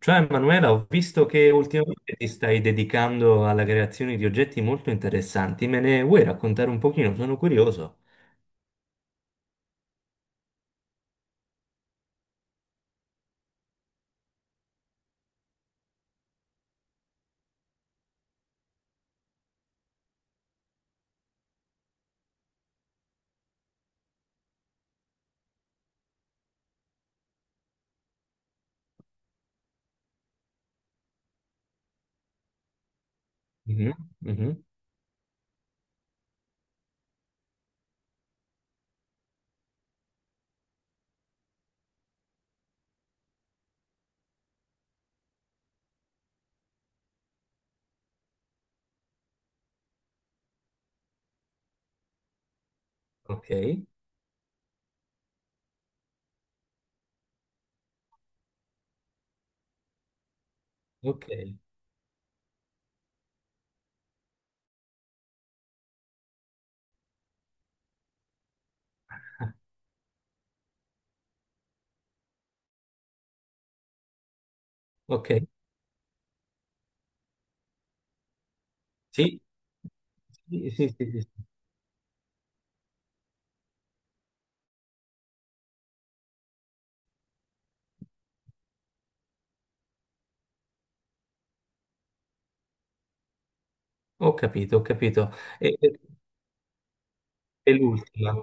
Ciao Emanuela, ho visto che ultimamente ti stai dedicando alla creazione di oggetti molto interessanti. Me ne vuoi raccontare un pochino? Sono curioso. Mhm, mhm. Ok, ok, ok. Sì, sì, sì, sì, sì, sì. Ho capito, ho capito. E, e- e l'ultima.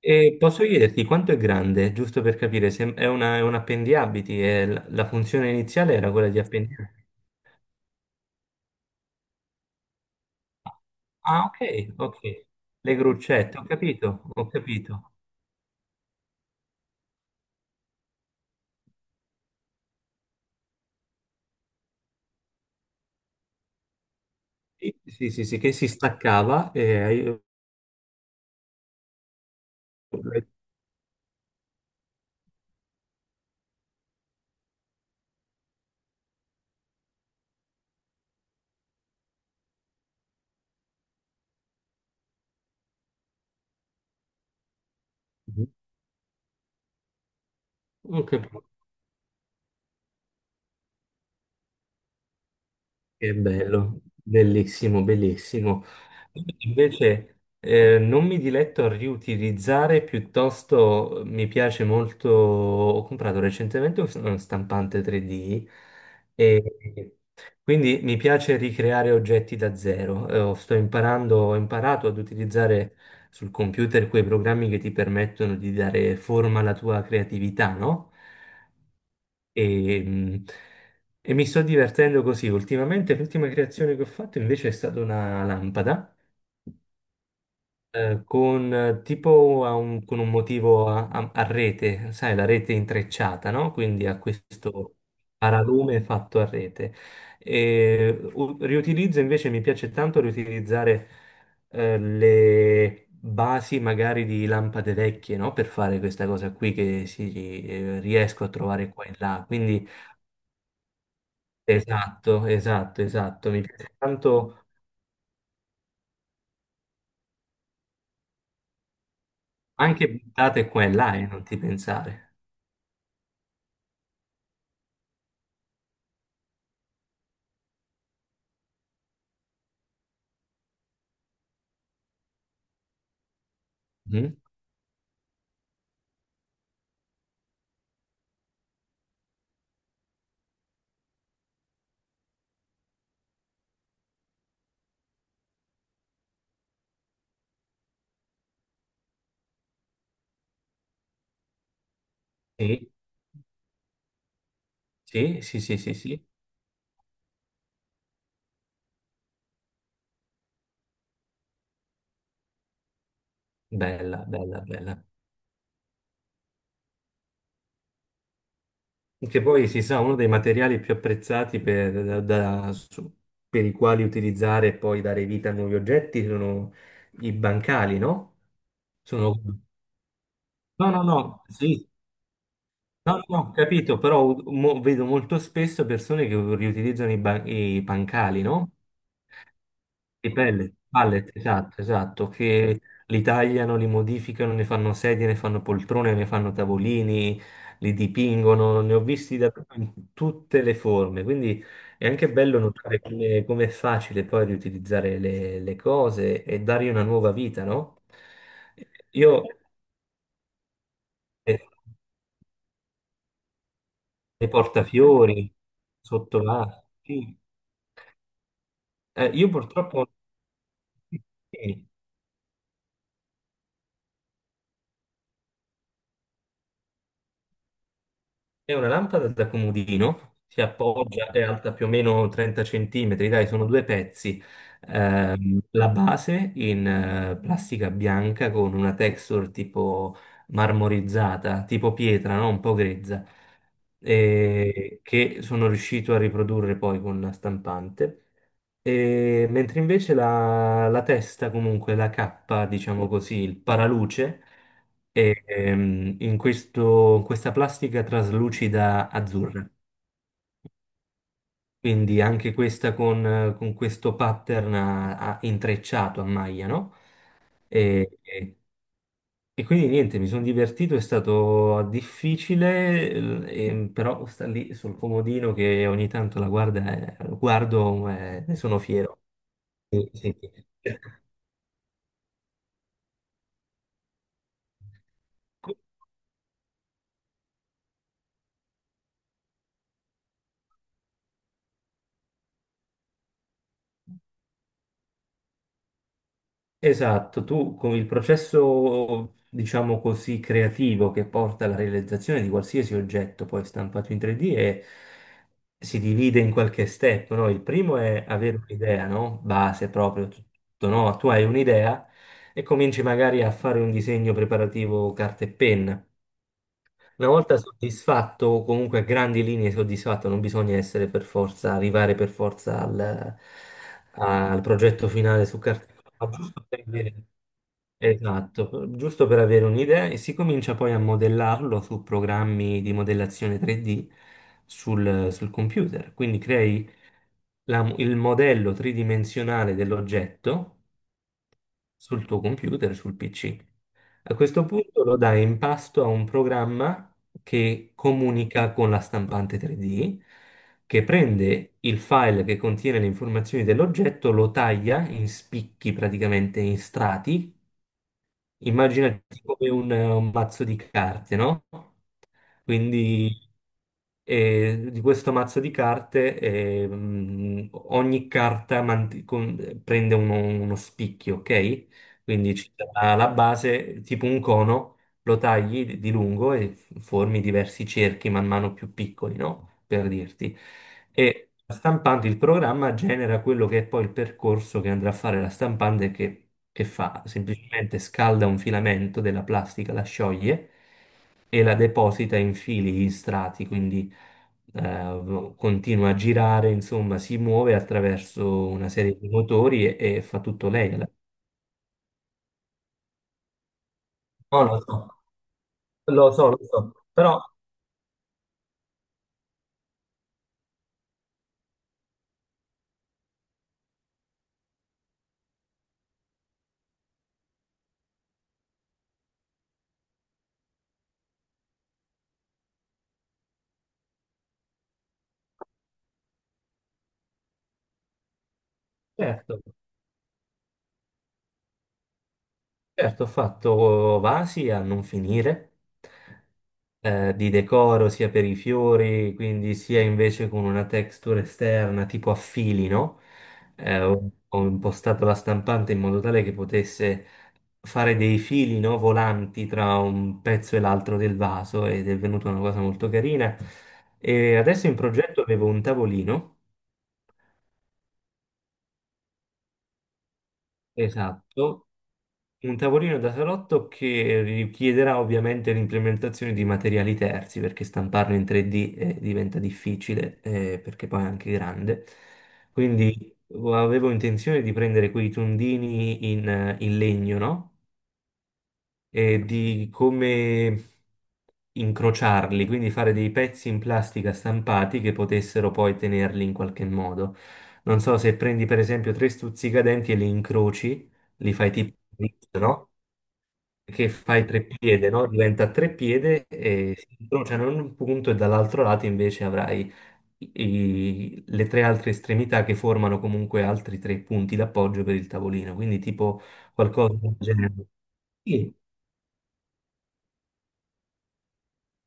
E posso chiederti quanto è grande, giusto per capire, se è, è un appendiabiti, è la funzione iniziale era quella di appendiabiti. Ah, ok, ok. Le gruccette, ho capito, ho capito. Sì, sì, sì, che si staccava e io- Oh, che bello, bellissimo, bellissimo. Invece non mi diletto a riutilizzare, piuttosto mi piace molto, ho comprato recentemente un uno stampante 3D e quindi mi piace ricreare oggetti da zero. Sto imparando, ho imparato ad utilizzare sul computer quei programmi che ti permettono di dare forma alla tua creatività, no? E, mh, e mi sto divertendo così. Ultimamente l'ultima creazione che ho fatto invece è stata una lampada con con un motivo a rete, sai, la rete intrecciata, no? Quindi a questo paralume fatto a rete. Riutilizzo invece, mi piace tanto riutilizzare le basi magari di lampade vecchie, no? Per fare questa cosa qui che si, riesco a trovare qua e là. Quindi esatto, esatto, esatto, mi piace tanto anche buttate qua e là e non ti pensare. Mhm. Sì. Sì, sì, sì, sì, sì, bella, bella, bella. Che poi si sa, uno dei materiali più apprezzati per, da- da- su- per i quali utilizzare e poi dare vita a nuovi oggetti sono i bancali, no? Sono. No, no, no, sì, no, no, no, ho capito, però vedo molto spesso persone che riutilizzano i pancali, no? Di pellet, pallet, esatto, esatto, che li tagliano, li modificano, ne fanno sedie, ne fanno poltrone, ne fanno tavolini, li dipingono, ne ho visti da in tutte le forme, quindi è anche bello notare come è facile poi riutilizzare le cose e dargli una nuova vita, no? Io, eh, le portafiori, sottovasi, sì. Io purtroppo. È una lampada da comodino, si appoggia, è alta più o meno 30 centimetri, dai, sono due pezzi. La base in plastica bianca con una texture tipo marmorizzata, tipo pietra, no? Un po' grezza, e che sono riuscito a riprodurre poi con la stampante. E mentre invece la testa, comunque la cappa, diciamo così, il paraluce in questa plastica traslucida azzurra. Quindi anche questa con questo pattern intrecciato a maglia, no? E, e- e quindi niente, mi sono divertito, è stato difficile, però sta lì sul comodino che ogni tanto la guardo, ne sono fiero. Sì, sì. Esatto, tu con il processo, diciamo così, creativo che porta alla realizzazione di qualsiasi oggetto poi stampato in 3D si divide in qualche step, no? Il primo è avere un'idea, no? Base proprio, tutto, no? Tu hai un'idea e cominci magari a fare un disegno preparativo carta e penna. Una volta soddisfatto, o comunque a grandi linee soddisfatto, non bisogna essere per forza, arrivare per forza al progetto finale su carta e penna, ma giusto per vedere. Esatto, giusto per avere un'idea e si comincia poi a modellarlo su programmi di modellazione 3D sul computer. Quindi crei il modello tridimensionale dell'oggetto sul tuo computer, sul PC. A questo punto lo dai in pasto a un programma che comunica con la stampante 3D, che prende il file che contiene le informazioni dell'oggetto, lo taglia in spicchi praticamente in strati. Immaginati come un mazzo di carte, no? Quindi di questo mazzo di carte ogni carta prende uno spicchio, ok? Quindi c'è la base, tipo un cono, lo tagli di lungo e formi diversi cerchi man mano più piccoli, no? Per dirti. E stampando il programma genera quello che è poi il percorso che andrà a fare la stampante che fa, semplicemente scalda un filamento della plastica, la scioglie e la deposita in fili, in strati, quindi continua a girare, insomma, si muove attraverso una serie di motori e fa tutto lei. Alla- No, lo so, lo so, lo so, però certo. Certo, ho fatto vasi a non finire, di decoro sia per i fiori, quindi sia invece con una texture esterna tipo a fili, no? Ho impostato la stampante in modo tale che potesse fare dei fili, no, volanti tra un pezzo e l'altro del vaso ed è venuta una cosa molto carina. E adesso in progetto avevo un tavolino. Esatto. Un tavolino da salotto che richiederà ovviamente l'implementazione di materiali terzi, perché stamparlo in 3D diventa difficile, perché poi è anche grande. Quindi avevo intenzione di prendere quei tondini in legno, no? E di come incrociarli, quindi fare dei pezzi in plastica stampati che potessero poi tenerli in qualche modo. Non so se prendi per esempio tre stuzzicadenti e li incroci, li fai tipo, no? Che fai tre piede, no? Diventa tre piede e si incrociano in un punto e dall'altro lato invece avrai le tre altre estremità che formano comunque altri tre punti d'appoggio per il tavolino, quindi tipo qualcosa del genere. Sì,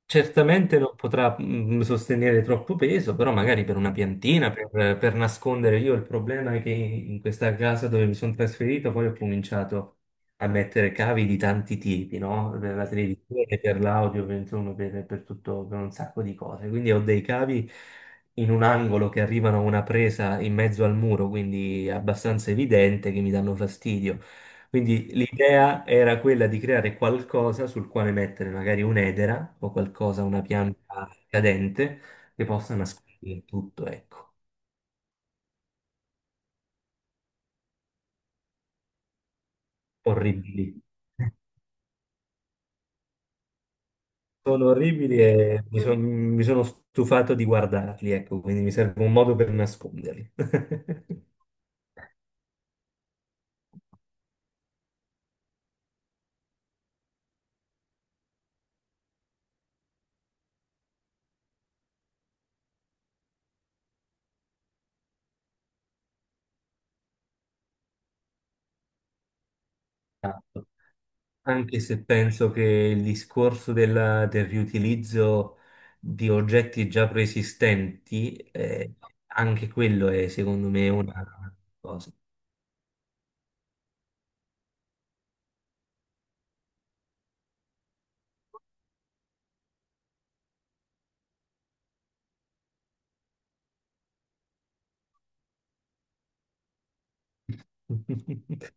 certamente non potrà sostenere troppo peso, però magari per una piantina, per nascondere. Io il problema è che in questa casa dove mi sono trasferito poi ho cominciato a mettere cavi di tanti tipi, no? Per la televisione, per l'audio, per, insomma, per tutto, per un sacco di cose. Quindi ho dei cavi in un angolo che arrivano a una presa in mezzo al muro, quindi è abbastanza evidente che mi danno fastidio. Quindi l'idea era quella di creare qualcosa sul quale mettere magari un'edera o qualcosa, una pianta cadente che possa nascondere tutto, ecco. Orribili. Sono orribili e mi sono stufato di guardarli, ecco, quindi mi serve un modo per nasconderli. Esatto. Anche se penso che il discorso del riutilizzo di oggetti già preesistenti, anche quello è secondo me una cosa.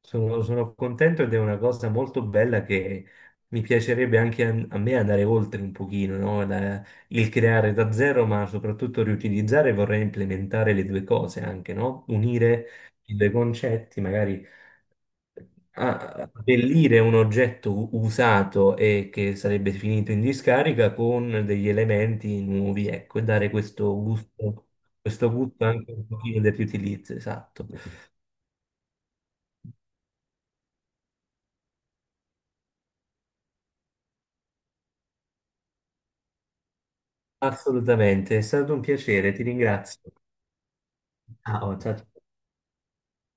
Sono contento ed è una cosa molto bella che mi piacerebbe anche a me andare oltre un pochino, no? Il creare da zero, ma soprattutto riutilizzare, vorrei implementare le due cose anche, no? Unire i due concetti, magari abbellire un oggetto usato e che sarebbe finito in discarica con degli elementi nuovi, ecco, e dare questo gusto anche un pochino del riutilizzo, esatto. Assolutamente, è stato un piacere, ti ringrazio. Ciao, ciao.